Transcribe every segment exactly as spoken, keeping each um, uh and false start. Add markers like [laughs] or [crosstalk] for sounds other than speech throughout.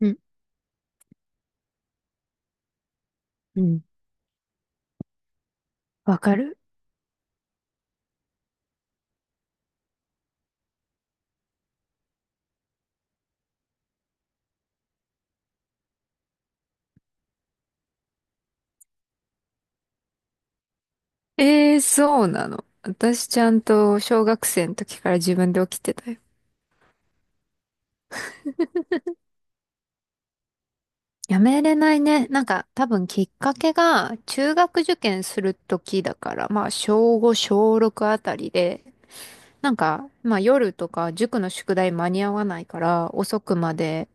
うん、うん。わかる。えーそうなの。私ちゃんと小学生の時から自分で起きてたよ。やめれないね。なんか多分きっかけが中学受験する時だから、まあ小ご、小ろくあたりで、なんかまあ夜とか塾の宿題間に合わないから遅くまで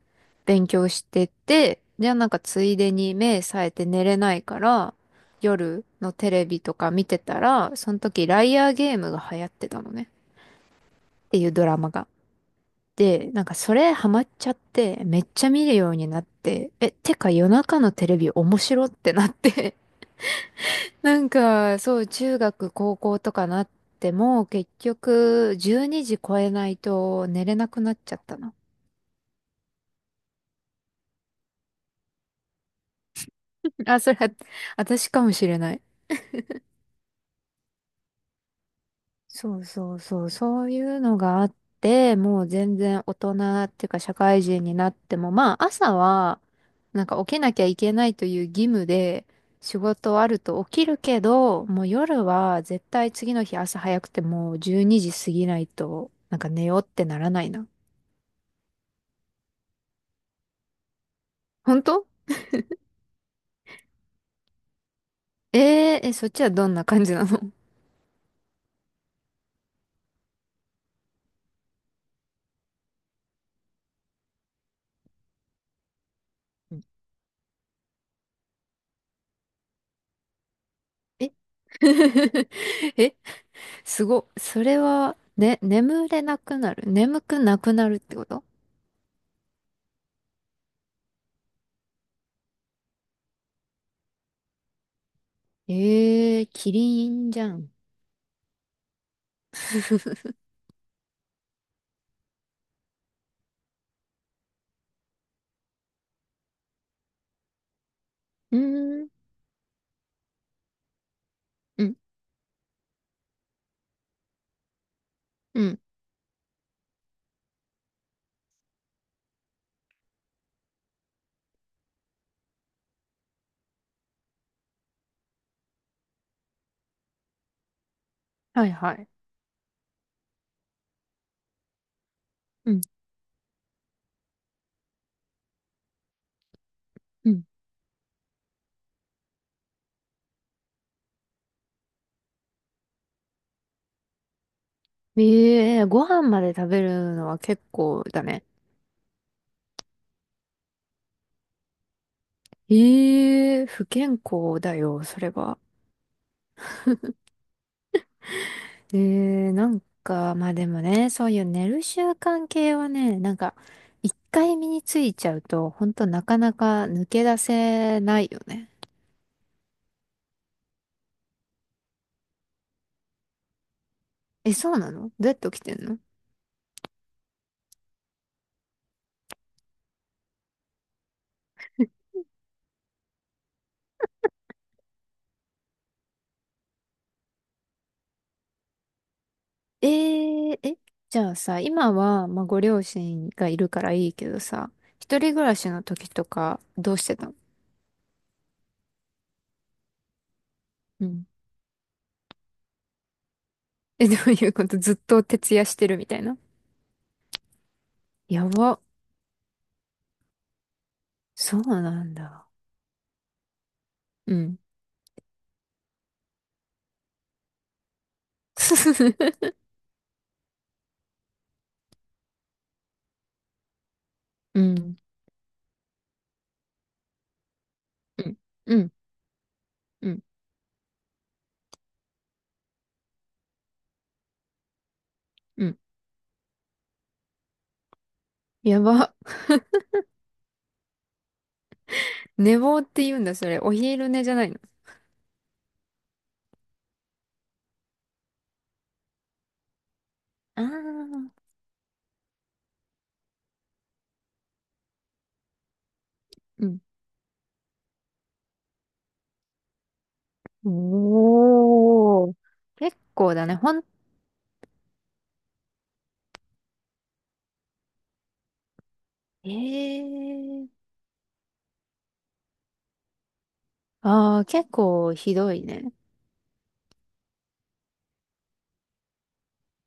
勉強してて、じゃあなんかついでに目冴えて寝れないから、夜のテレビとか見てたら、その時ライアーゲームが流行ってたのね。っていうドラマが。で、なんかそれハマっちゃって、めっちゃ見るようになって、え、てか夜中のテレビ面白ってなって、[laughs] なんかそう、中学、高校とかなっても、結局じゅうにじ超えないと寝れなくなっちゃったの。あ、それ私かもしれない。そうそうそう、そういうのがあって、もう全然大人っていうか社会人になっても、まあ朝はなんか起きなきゃいけないという義務で仕事あると起きるけど、もう夜は絶対次の日朝早くてもうじゅうにじ過ぎないとなんか寝ようってならないな。本当？えー、え、そっちはどんな感じなの？え [laughs] え、すごっ。それは、ね、眠れなくなる。眠くなくなるってこと？ええキリンじゃん。うーん、うん、うん、はいはい。うん、うん。ええご飯まで食べるのは結構だね。ええ不健康だよ、それは。ええなんか、まあでもね、そういう寝る習慣系はね、なんか、一回身についちゃうと、ほんとなかなか抜け出せないよね。え、そうなの？どうやって起きてんの？えー、え、じゃあさ、今は、まあ、ご両親がいるからいいけどさ、一人暮らしの時とか、どうしてたの？うん。え、どういうこと？ずっと徹夜してるみたいな。やば。そうなんだ。うん。[laughs] うん。うん。うん。うん。うん。やば。寝坊って言うんだ、それ。お昼寝じゃないの。ああー。うん。おー。結構だね。ほん、ええー。ああ、結構ひどいね。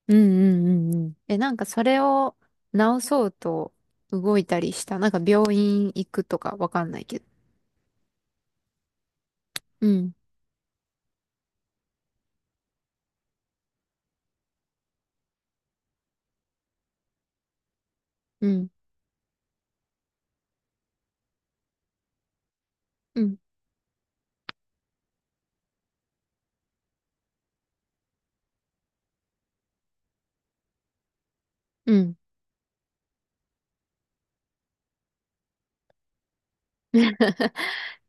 うんうんうんうん。え、なんかそれを直そうと動いたりした？なんか病院行くとかわかんないけど。うん、うん、うん、うん。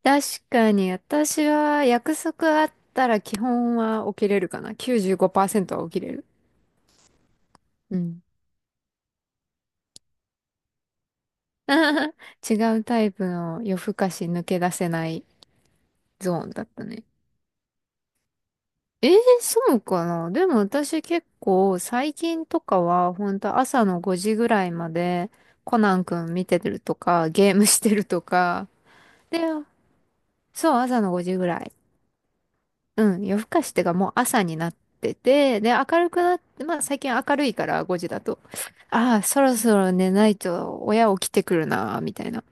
確かに私は約束あったら基本は起きれるかな。きゅうじゅうごパーセントは起きれる。うん。[laughs] 違うタイプの夜更かし抜け出せないゾーンだったね。えー、そうかな。でも私結構最近とかは本当朝のごじぐらいまでコナンくん見てるとかゲームしてるとか。で、そう、朝のごじぐらい。うん、夜更かしってかもう朝になってて、で、明るくなって、まあ最近明るいからごじだと。ああ、そろそろ寝ないと親起きてくるな、みたいな。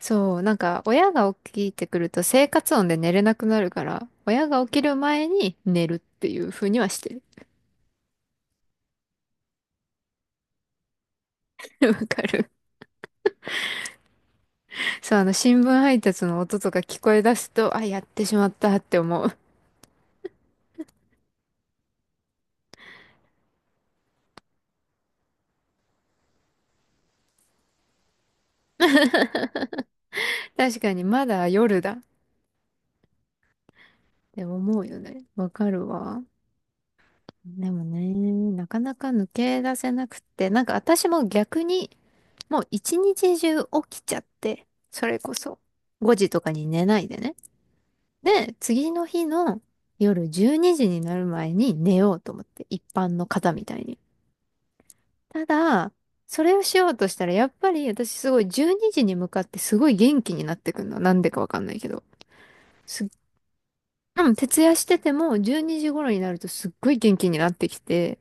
そう、なんか親が起きてくると生活音で寝れなくなるから、親が起きる前に寝るっていう風にはしてる。[laughs] わかる。そう、あの、新聞配達の音とか聞こえ出すと、あ、やってしまったって思う。[laughs] 確かに、まだ夜だって思うよね。わかるわ。でもね、なかなか抜け出せなくって、なんか私も逆に、もう一日中起きちゃって、それこそごじとかに寝ないでね。で、次の日の夜じゅうにじにじになる前に寝ようと思って、一般の方みたいに。ただ、それをしようとしたら、やっぱり私すごいじゅうにじにじに向かってすごい元気になってくるの。なんでかわかんないけど。すっ、うん、徹夜しててもじゅうにじ頃になるとすっごい元気になってきて、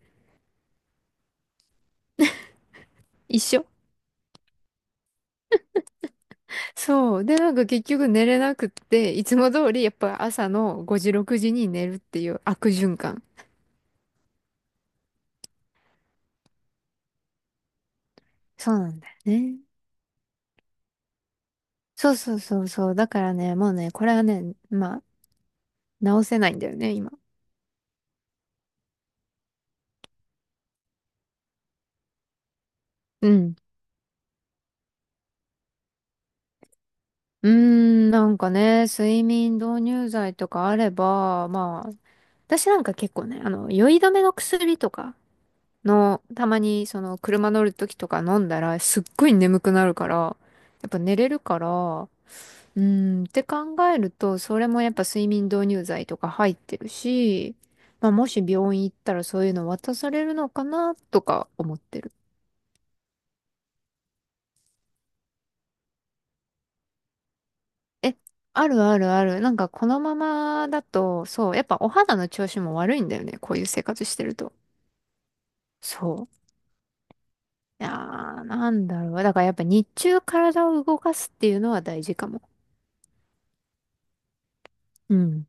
一緒。そう。で、なんか結局寝れなくって、いつも通りやっぱ朝のごじ、ろくじに寝るっていう悪循環。そうなんだよね。そうそうそうそう。だからね、もうね、これはね、まあ、直せないんだよね、今。うん。うーん、なんかね、睡眠導入剤とかあれば、まあ、私なんか結構ね、あの、酔い止めの薬とかの、たまにその、車乗るときとか飲んだら、すっごい眠くなるから、やっぱ寝れるから、うーん、って考えると、それもやっぱ睡眠導入剤とか入ってるし、まあ、もし病院行ったらそういうの渡されるのかな、とか思ってる。え、あるあるある。なんかこのままだと、そう、やっぱお肌の調子も悪いんだよね。こういう生活してると。そう。いやー、なんだろう。だからやっぱ日中体を動かすっていうのは大事かも。うん。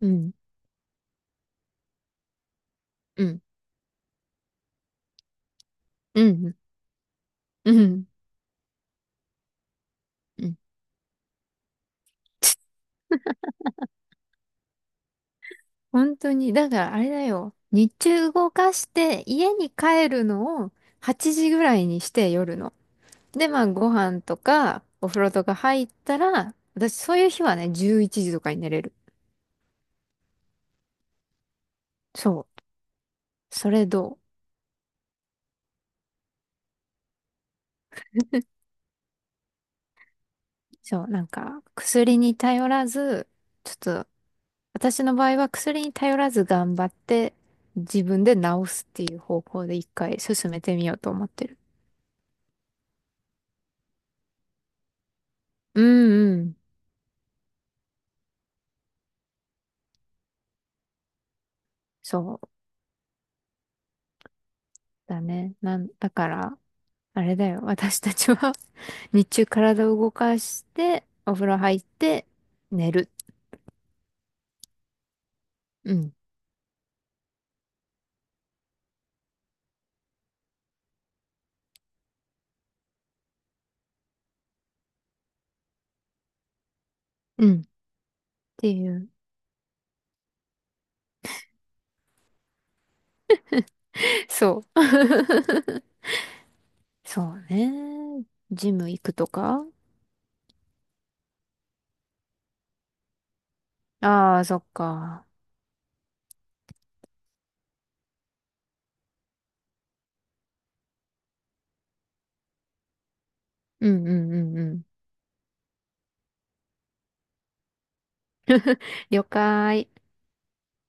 うん。うん。うん。うん。うん。本当に。だからあれだよ。日中動かして家に帰るのをはちじぐらいにして夜の。で、まあご飯とかお風呂とか入ったら、私そういう日はね、じゅういちじとかに寝れる。そう。それどう？そう、なんか、薬に頼らず、ちょっと、私の場合は薬に頼らず頑張って、自分で治すっていう方向で一回進めてみようと思ってる。うんうん。そうだね。なん、だから、あれだよ。私たちは [laughs] 日中体を動かして、お風呂入って、寝る。うん。うん。っていう。そう。そうね。ジム行くとか。ああー、そっか。うんうんうんうん。了解。